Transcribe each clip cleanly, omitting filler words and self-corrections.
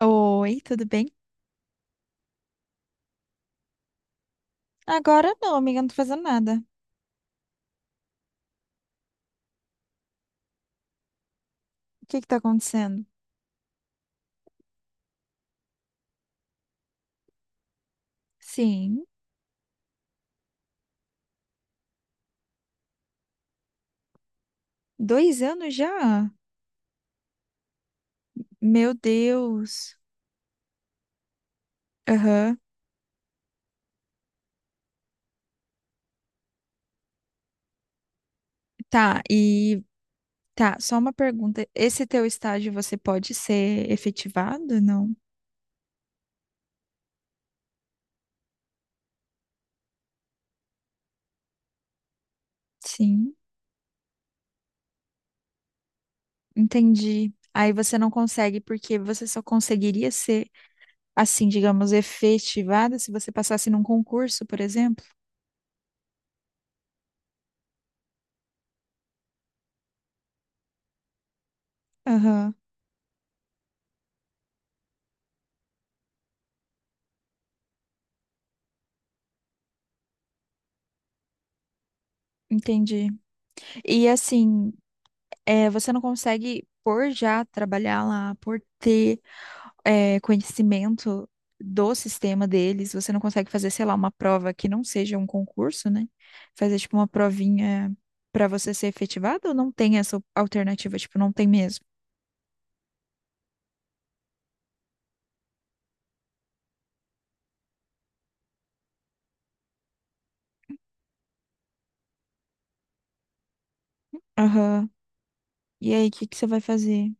Oi, tudo bem? Agora não, amiga, não tô fazendo nada. O que que tá acontecendo? Sim, 2 anos já? Meu Deus. Aham. Tá, e tá, só uma pergunta. Esse teu estágio você pode ser efetivado? Não? Sim, entendi. Aí você não consegue, porque você só conseguiria ser, assim, digamos, efetivada se você passasse num concurso, por exemplo? Aham, entendi. E assim, é, você não consegue, por já trabalhar lá, por ter conhecimento do sistema deles, você não consegue fazer, sei lá, uma prova que não seja um concurso, né? Fazer, tipo, uma provinha para você ser efetivado ou não tem essa alternativa? Tipo, não tem mesmo. Aham. E aí, o que que você vai fazer?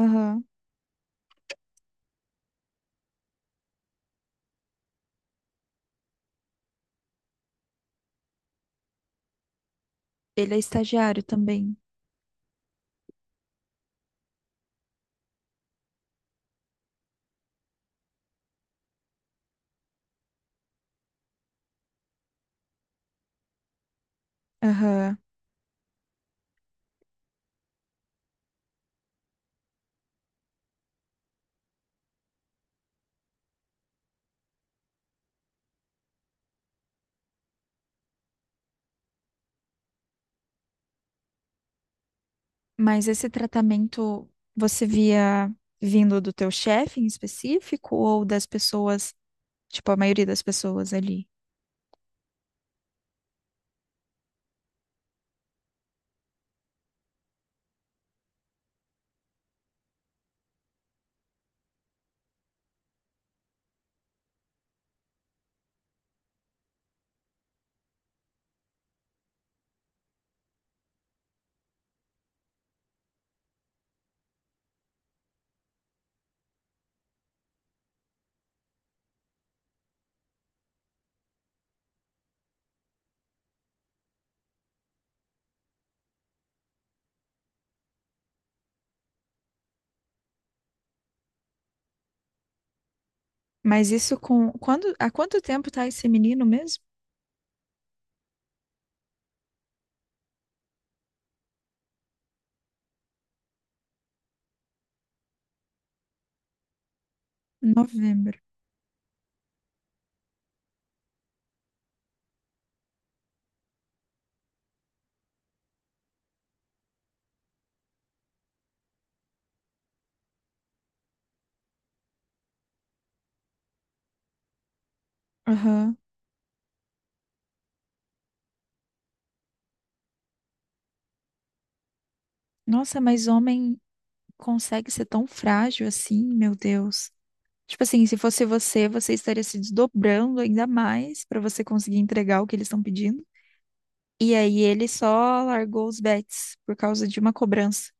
Aham. Ele é estagiário também. Aham. Mas esse tratamento você via vindo do teu chefe em específico ou das pessoas, tipo, a maioria das pessoas ali? Mas isso com quando, há quanto tempo tá esse menino mesmo? Novembro. Aham. Nossa, mas homem consegue ser tão frágil assim, meu Deus. Tipo assim, se fosse você, você estaria se desdobrando ainda mais para você conseguir entregar o que eles estão pedindo. E aí ele só largou os bets por causa de uma cobrança.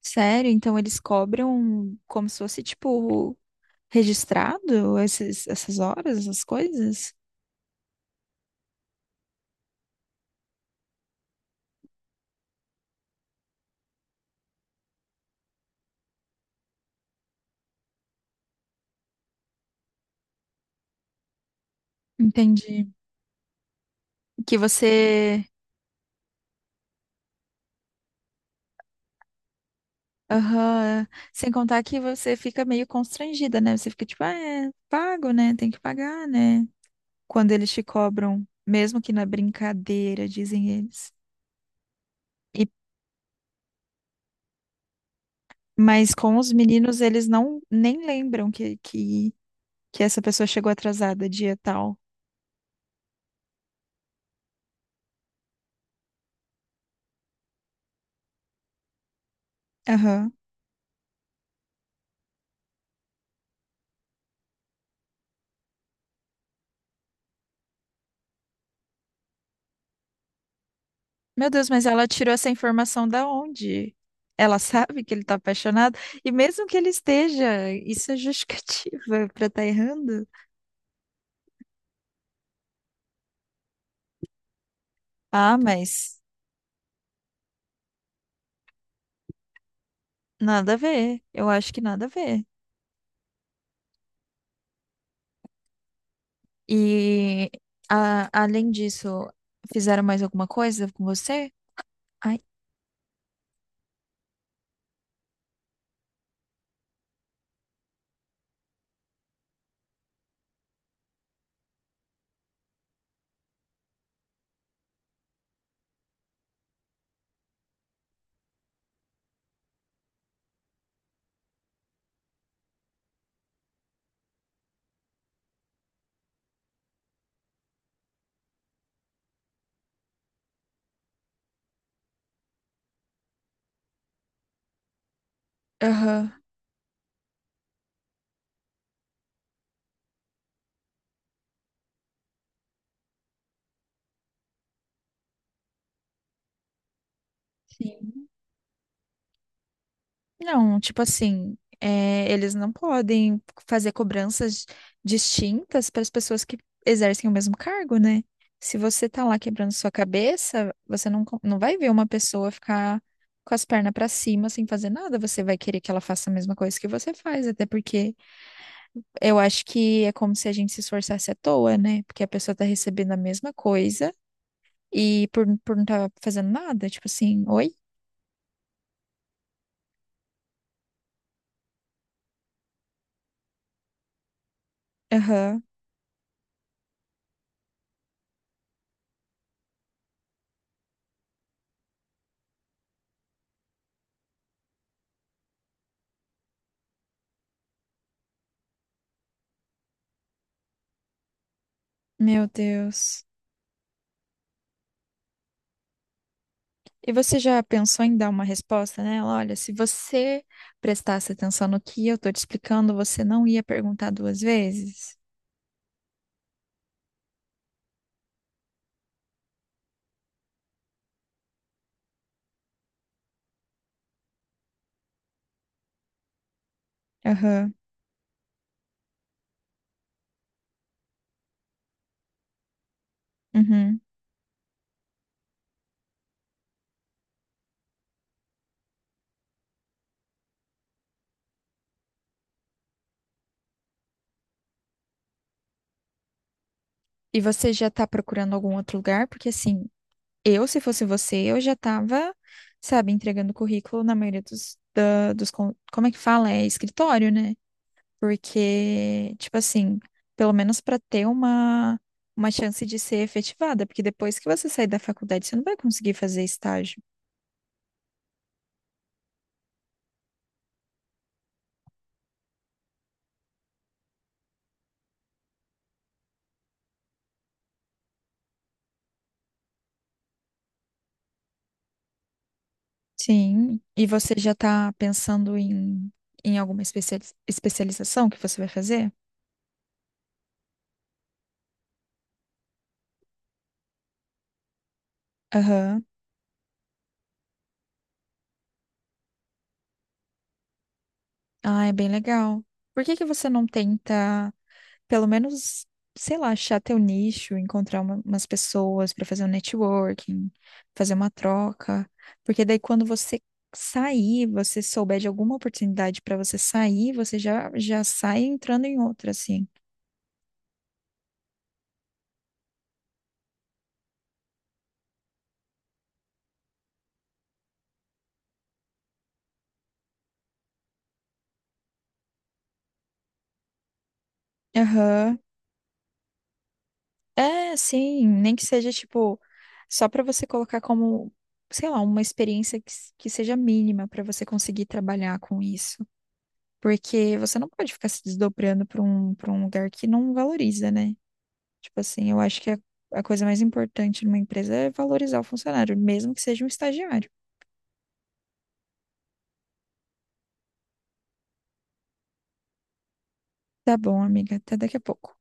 Sério? Então eles cobram como se fosse, tipo, registrado essas horas, essas coisas? Entendi. Que você. Aham. Sem contar que você fica meio constrangida, né? Você fica tipo, ah, é pago, né? Tem que pagar, né? Quando eles te cobram, mesmo que na brincadeira, dizem eles. E mas com os meninos, eles não nem lembram que essa pessoa chegou atrasada dia tal. Aham. Meu Deus, mas ela tirou essa informação da onde? Ela sabe que ele tá apaixonado? E mesmo que ele esteja, isso é justificativa pra estar errando? Ah, mas nada a ver. Eu acho que nada a ver. E além disso, fizeram mais alguma coisa com você? Ai, aham. Sim. Não, tipo assim, é, eles não podem fazer cobranças distintas para as pessoas que exercem o mesmo cargo, né? Se você tá lá quebrando sua cabeça, você não, não vai ver uma pessoa ficar com as pernas para cima sem fazer nada. Você vai querer que ela faça a mesma coisa que você faz, até porque eu acho que é como se a gente se esforçasse à toa, né? Porque a pessoa tá recebendo a mesma coisa e por não estar fazendo nada, tipo assim, oi? Aham. Meu Deus. E você já pensou em dar uma resposta nela? Olha, se você prestasse atenção no que eu tô te explicando, você não ia perguntar duas vezes? Aham. Uhum. E você já tá procurando algum outro lugar? Porque assim, eu, se fosse você, eu já tava, sabe, entregando currículo na maioria dos, como é que fala? É escritório, né? Porque, tipo assim, pelo menos pra ter uma chance de ser efetivada, porque depois que você sair da faculdade, você não vai conseguir fazer estágio. Sim. E você já está pensando em alguma especialização que você vai fazer? Aham. Ah, é bem legal. Por que que você não tenta, pelo menos, sei lá, achar teu nicho, encontrar umas pessoas para fazer um networking, fazer uma troca? Porque daí quando você sair, você souber de alguma oportunidade para você sair, você já já sai entrando em outra, assim. Aham. É, sim, nem que seja tipo só para você colocar como, sei lá, uma experiência que seja mínima para você conseguir trabalhar com isso, porque você não pode ficar se desdobrando para um lugar que não valoriza, né? Tipo assim, eu acho que a coisa mais importante numa empresa é valorizar o funcionário, mesmo que seja um estagiário. Tá bom, amiga, até daqui a pouco.